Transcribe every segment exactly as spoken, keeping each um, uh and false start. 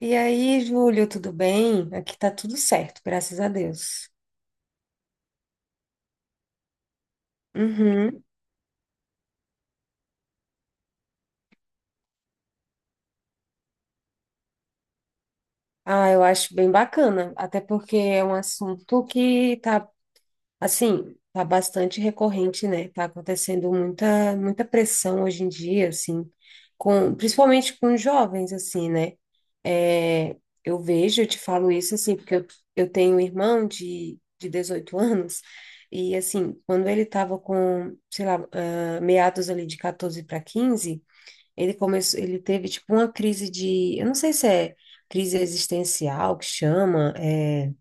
E aí, Júlio, tudo bem? Aqui tá tudo certo, graças a Deus. Uhum. Ah, eu acho bem bacana, até porque é um assunto que tá, assim, tá bastante recorrente, né? Tá acontecendo muita, muita pressão hoje em dia, assim, com, principalmente com jovens, assim, né? É, eu vejo, eu te falo isso, assim, porque eu, eu tenho um irmão de, de dezoito anos, e, assim, quando ele tava com, sei lá, ah, meados ali de quatorze para quinze. Ele começou, ele teve tipo uma crise de, eu não sei se é crise existencial que chama, é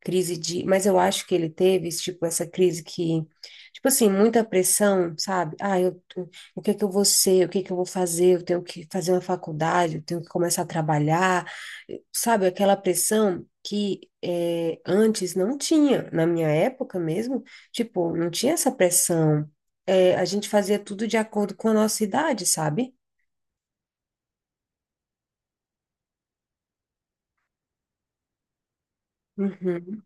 crise de, mas eu acho que ele teve tipo essa crise que, tipo assim, muita pressão, sabe? Ah, eu, o que que eu vou ser? O que que eu vou fazer? Eu tenho que fazer uma faculdade, eu tenho que começar a trabalhar, sabe? Aquela pressão que é, antes não tinha, na minha época mesmo, tipo, não tinha essa pressão. É, a gente fazia tudo de acordo com a nossa idade, sabe? Uhum,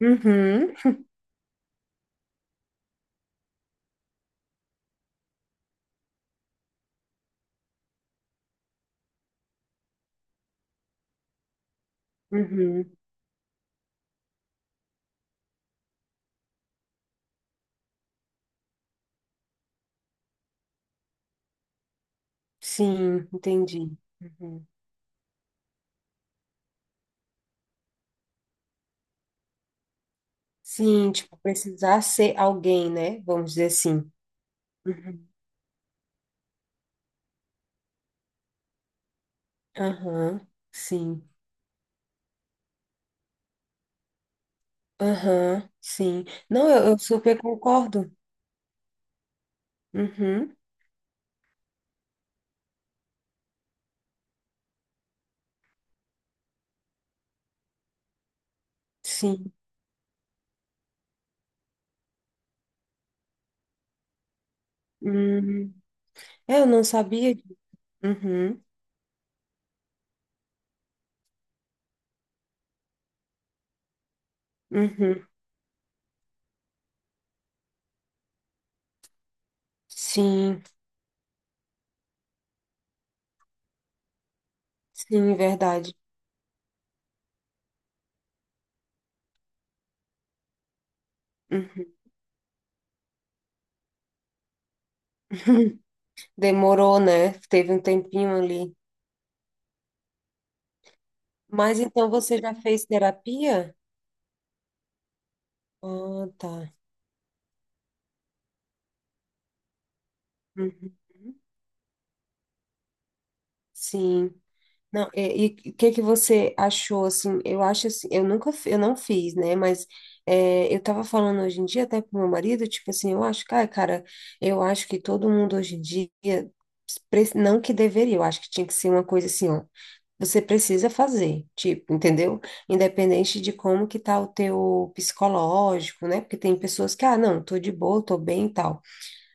uhum, uhum. Sim, entendi. Uhum. Sim, tipo, precisar ser alguém, né? Vamos dizer assim. Uhum. Aham, sim. Aham, sim. Não, eu, eu super concordo. Uhum, sim. Uhum. É, eu não sabia. Uhum, uhum. Sim, sim, verdade. Uhum. Demorou, né? Teve um tempinho ali. Mas então você já fez terapia? Ah, tá. Uhum. Sim. Não, é, e o que que você achou assim? Eu acho assim, eu nunca fi- eu não fiz, né? Mas é, eu tava falando hoje em dia até com meu marido, tipo assim, eu acho que, ai, cara, eu acho que todo mundo hoje em dia pre- não que deveria, eu acho que tinha que ser uma coisa assim, ó. Você precisa fazer, tipo, entendeu? Independente de como que tá o teu psicológico, né? Porque tem pessoas que, ah, não, tô de boa, tô bem e tal,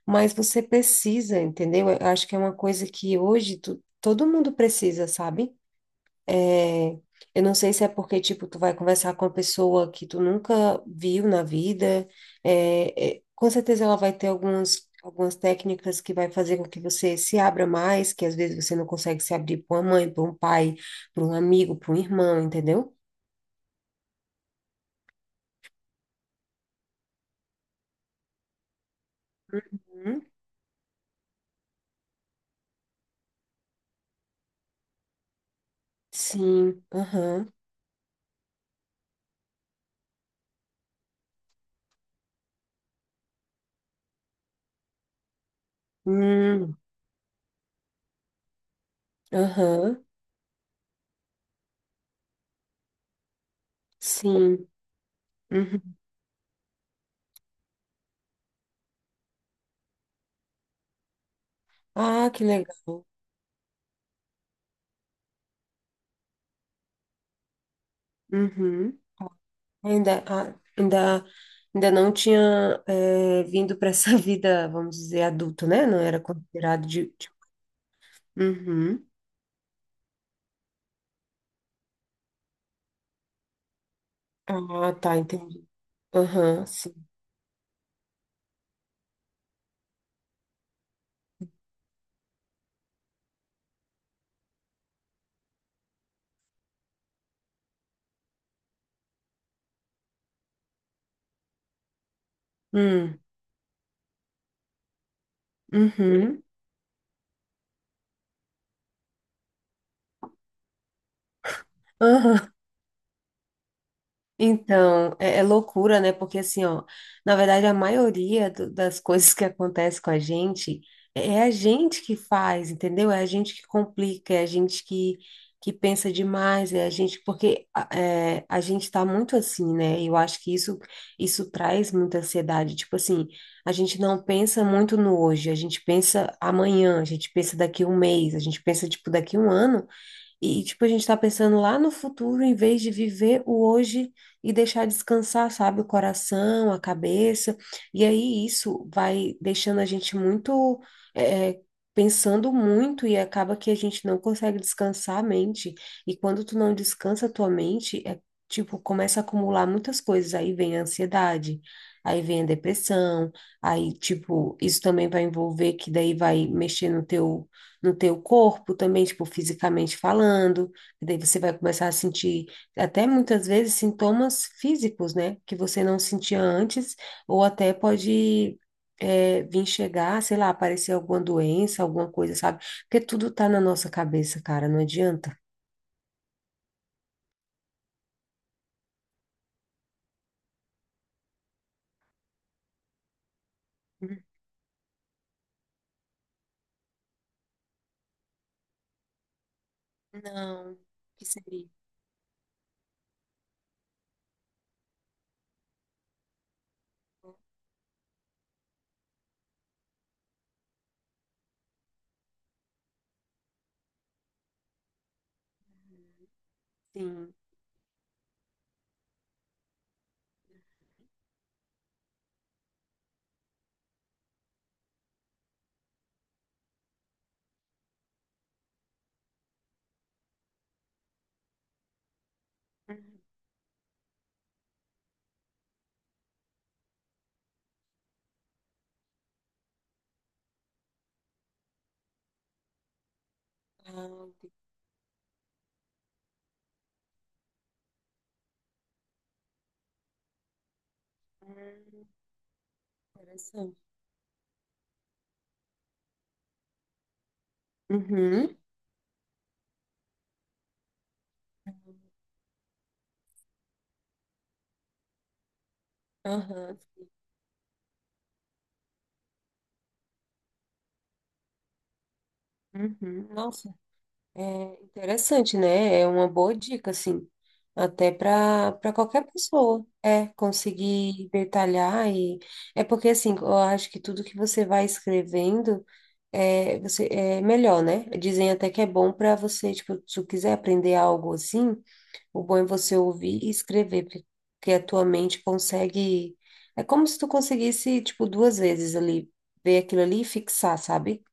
mas você precisa, entendeu? Eu acho que é uma coisa que hoje tu- todo mundo precisa, sabe? É, eu não sei se é porque, tipo, tu vai conversar com uma pessoa que tu nunca viu na vida, é, é, com certeza ela vai ter algumas, algumas técnicas que vai fazer com que você se abra mais, que às vezes você não consegue se abrir para uma mãe, para um pai, para um amigo, para um irmão, entendeu? Hum, Sim, aham, hum, aham, sim, uhum. Ah, que legal. Uhum. Ainda, a- ainda, ainda não tinha é, vindo para essa vida, vamos dizer, adulta, né? Não era considerado de. de- Uhum. Ah, tá, entendi. Aham, sim. Hum, uhum. Aham. Então, é, é loucura, né? Porque assim, ó, na verdade, a maioria do- das coisas que acontece com a gente é a gente que faz, entendeu? É a gente que complica, é a gente que, que pensa demais, é a gente, porque a- é, a gente tá muito assim, né? E eu acho que isso, isso traz muita ansiedade. Tipo assim, a gente não pensa muito no hoje, a gente pensa amanhã, a gente pensa daqui um mês, a gente pensa, tipo, daqui um ano. E, tipo, a gente tá pensando lá no futuro em vez de viver o hoje e deixar descansar, sabe, o coração, a cabeça. E aí isso vai deixando a gente muito, é, é, pensando muito e acaba que a gente não consegue descansar a mente. E quando tu não descansa a tua mente, é, tipo, começa a acumular muitas coisas. Aí vem a ansiedade, aí vem a depressão, aí, tipo, isso também vai envolver que daí vai mexer no teu no teu corpo também, tipo, fisicamente falando, e daí você vai começar a sentir até muitas vezes sintomas físicos, né, que você não sentia antes, ou até pode é, vir chegar, sei lá, aparecer alguma doença, alguma coisa, sabe? Porque tudo tá na nossa cabeça, cara, não adianta. Uhum. Não, que seria? Sim. Uhum. Ah, entendi. Hum, Interessante. Uhum. Aham. Uhum. Nossa. É interessante, né? É uma boa dica, assim, até para para qualquer pessoa, é conseguir detalhar e é porque assim, eu acho que tudo que você vai escrevendo é você é melhor, né? Dizem até que é bom para você, tipo, se tu quiser aprender algo assim, o bom é você ouvir e escrever, porque porque a tua mente consegue é como se tu conseguisse, tipo, duas vezes ali ver aquilo ali e fixar, sabe?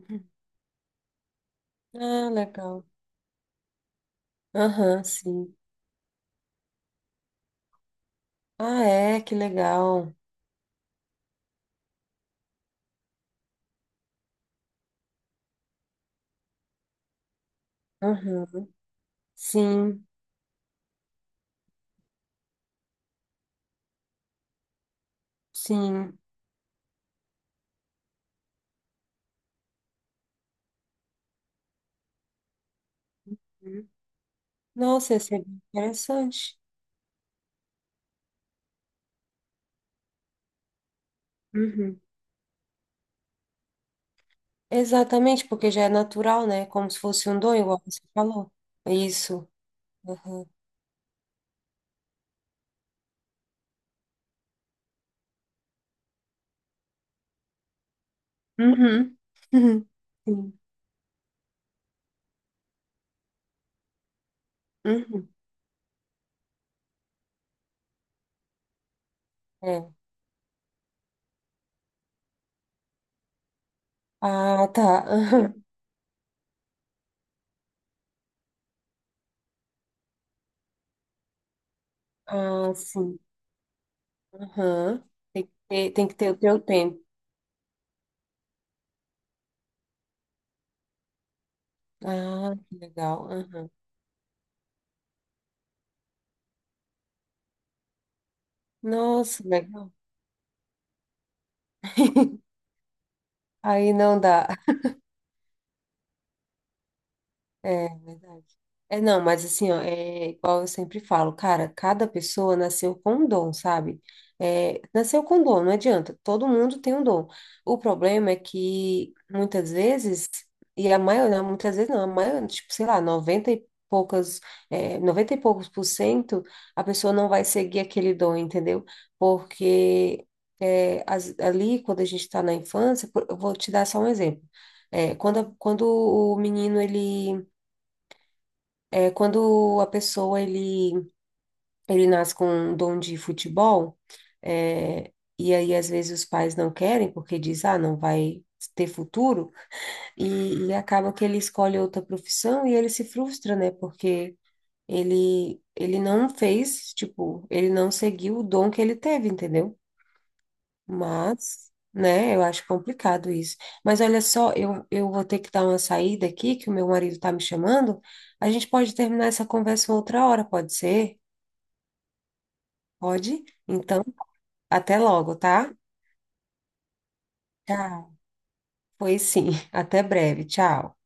Uhum. Ah, legal. Aham, sim. Ah, é, que legal. Uhum. Sim, sim. Uhum. Nossa, ia ser bem interessante. Uhum. Exatamente, porque já é natural, né? Como se fosse um dom, igual você falou. É isso. Uhum. Uhum. Uhum. Sim. Uhum. É. Ah, tá. Uhum. Ah, sim. Uhum. Tem que ter, tem que ter o teu tempo. Ah, que legal. Uhum. Nossa, legal. Aí não dá. É, verdade. É, não, mas assim, ó, é igual eu sempre falo, cara, cada pessoa nasceu com um dom, sabe? É, nasceu com um dom, não adianta, todo mundo tem um dom. O problema é que muitas vezes, e a maioria, muitas vezes não, a maioria, tipo, sei lá, noventa e poucas, é, noventa e poucos por cento, a pessoa não vai seguir aquele dom, entendeu? Porque é, as- ali, quando a gente está na infância, por- eu vou te dar só um exemplo. É, quando, a- quando o menino, ele é, quando a pessoa ele, ele, nasce com um dom de futebol, é, e aí às vezes os pais não querem porque diz, ah, não vai ter futuro, e, e acaba que ele escolhe outra profissão e ele se frustra, né? Porque ele, ele não fez, tipo, ele não seguiu o dom que ele teve, entendeu? Mas, né, eu acho complicado isso. Mas olha só, eu, eu vou ter que dar uma saída aqui, que o meu marido tá me chamando. A gente pode terminar essa conversa outra hora, pode ser? Pode? Então, até logo, tá? Tchau. Pois sim, até breve. Tchau.